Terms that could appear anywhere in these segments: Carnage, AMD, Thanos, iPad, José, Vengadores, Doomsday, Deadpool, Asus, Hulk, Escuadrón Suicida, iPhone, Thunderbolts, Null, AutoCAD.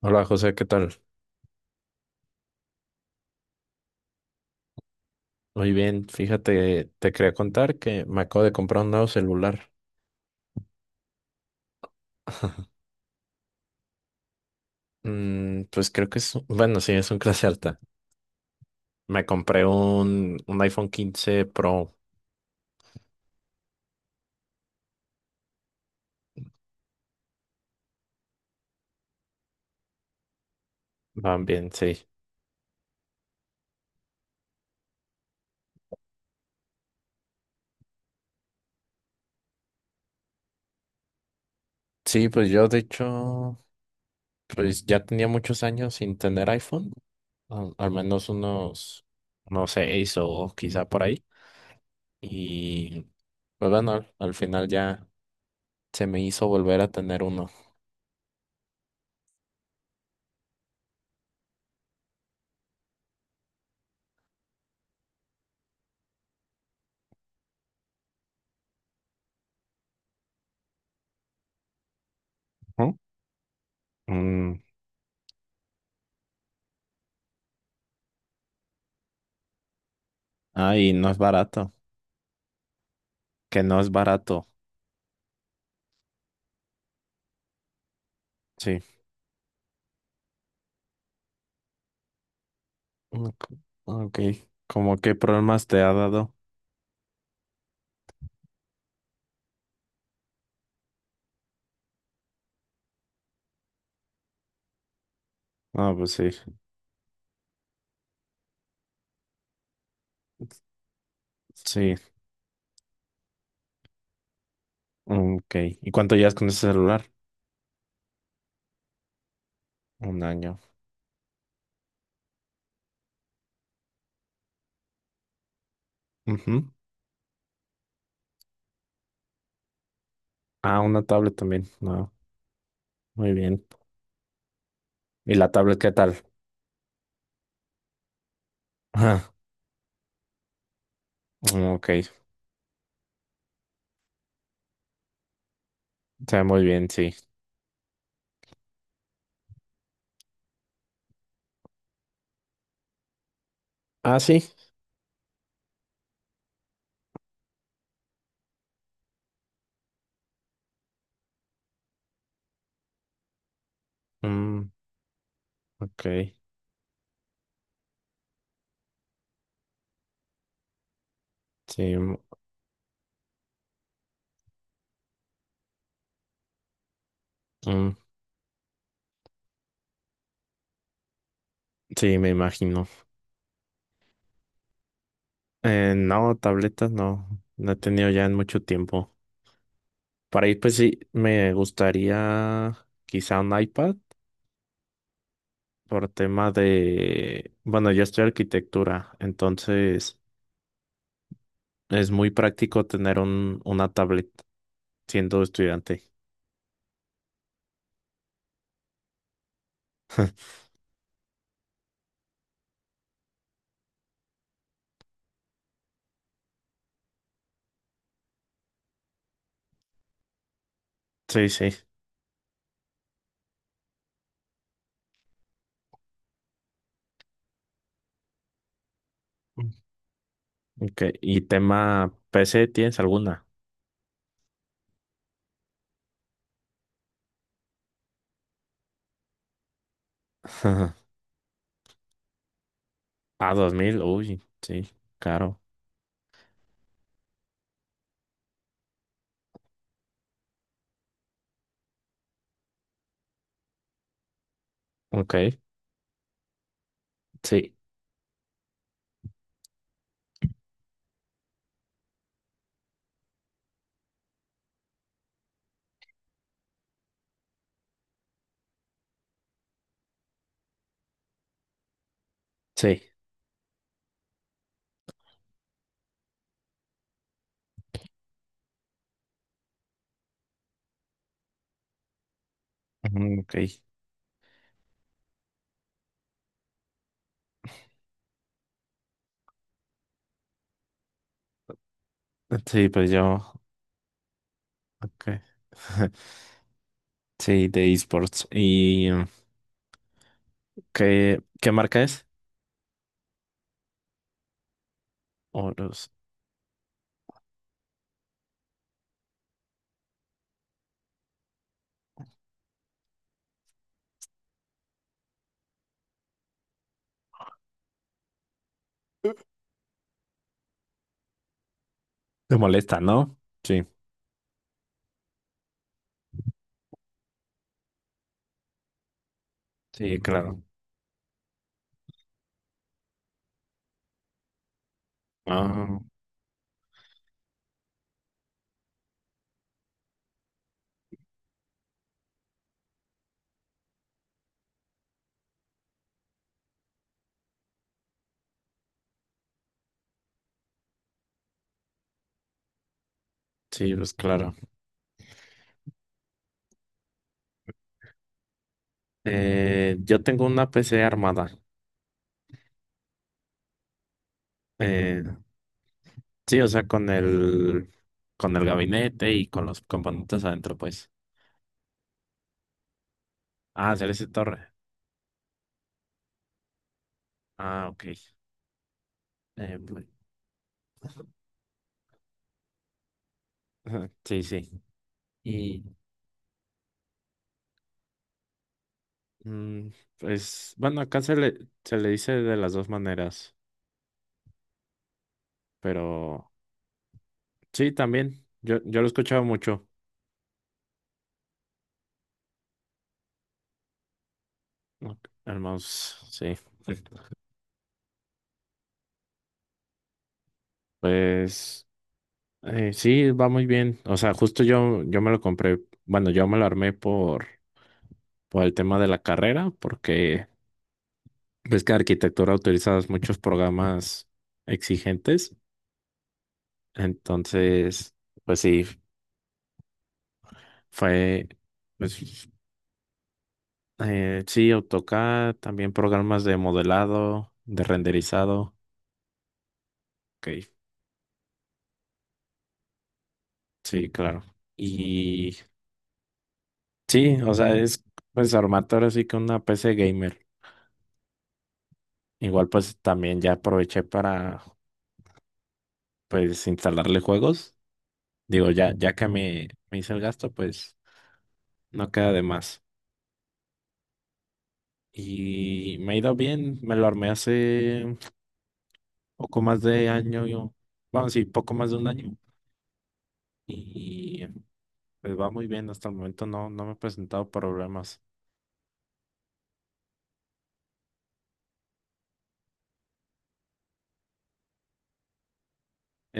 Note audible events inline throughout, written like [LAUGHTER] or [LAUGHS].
Hola José, ¿qué tal? Muy bien, fíjate, te quería contar que me acabo de comprar un nuevo celular. Pues creo que es, bueno, sí, es un clase alta. Me compré un iPhone 15 Pro también, sí. Sí, pues yo de hecho, pues ya tenía muchos años sin tener iPhone, al menos unos, no sé, seis o quizá por ahí. Y pues bueno, al final ya se me hizo volver a tener uno. Ujú. Mm. Ah, y no es barato. Que no es barato. Sí. Ok. Ok. ¿Cómo qué problemas te ha dado? Ah, pues sí. Sí. Ok. ¿Y cuánto llevas con ese celular? Un año. Ujú. Ah, una tablet también. No. Muy bien. ¿Y la tablet qué tal? Ah, mm, ok. Se ve muy bien, sí. Ah, sí. Mm, ok. Sí. Mm, mm, sí, me imagino. No, tabletas no. No he tenido ya en mucho tiempo. Para ir, pues sí, me gustaría quizá un iPad. Por tema de, bueno, yo estoy arquitectura, entonces es muy práctico tener una tablet siendo estudiante. Sí, sí. Ok, ¿y tema PC tienes alguna? [LAUGHS] A 2.000, uy, sí, caro. Ok, sí, sí. Ujú, ok, sí, pues yo, ok. [LAUGHS] Sí, de esports. ¿Y qué marca es? O los- te molesta, ¿no? Sí, sí, claro. Ah, sí, pues claro. Yo tengo una PC armada. Eh, sí, o sea, con el gabinete y con los componentes adentro, pues. Ah, Celeste Torre. Ah, ok. Pues, ajá, sí, sí. Y mm, pues, bueno, acá se le dice de las dos maneras, pero sí, también. Yo lo he escuchado mucho. Ok, el mouse, sí. Pues sí, va muy bien. O sea, justo yo me lo compré, bueno, yo me lo armé por el tema de la carrera, porque ves que arquitectura utilizas muchos programas exigentes, entonces, pues sí, fue, pues sí, AutoCAD, también programas de modelado, de renderizado, ok, sí, claro. Y sí, o sea, es pues armarte ahora sí que una PC gamer. Igual pues también ya aproveché para pues instalarle juegos. Digo, ya que me hice el gasto, pues no queda de más. Y me ha ido bien, me lo armé hace poco más de año, yo, bueno, sí, poco más de un año. Y pues va muy bien, hasta el momento no, no me he presentado problemas.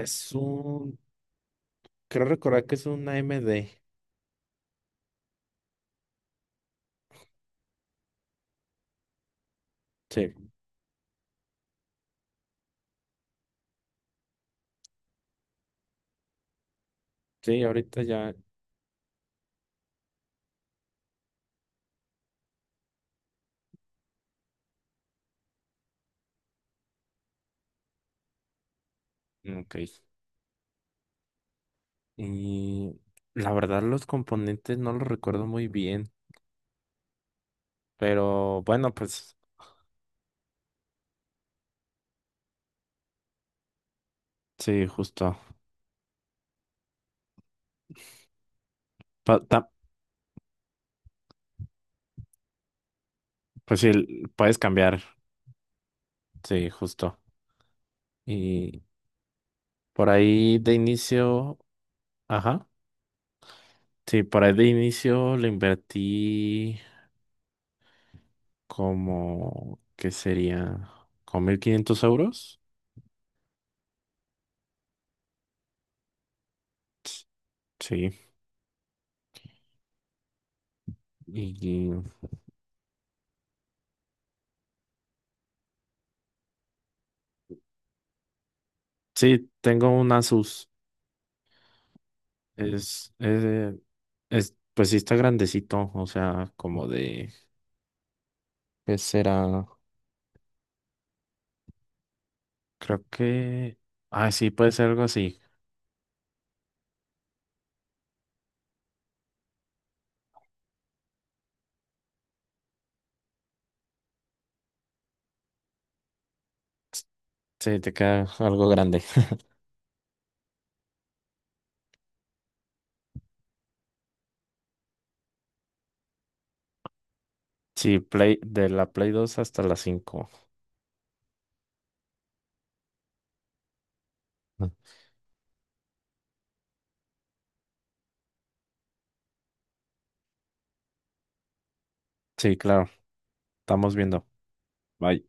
Es un, creo recordar que es un AMD. Sí, sí, ahorita ya. Mm, ok. Y la verdad los componentes no los recuerdo muy bien, pero bueno, pues sí, justo. Pa- ta- Pues sí, puedes cambiar, sí, justo. Y por ahí de inicio. Ajá. Sí, por ahí de inicio le invertí como, ¿qué sería? ¿Con 1.500 euros? Sí. Y sí, tengo un Asus. Es, es, pues sí está grandecito, o sea, como de, ¿qué será? Creo que, ah, sí, puede ser algo así. Sí, te queda algo grande. [LAUGHS] Sí, Play, de la Play 2 hasta la 5. Sí, claro, estamos viendo. Bye.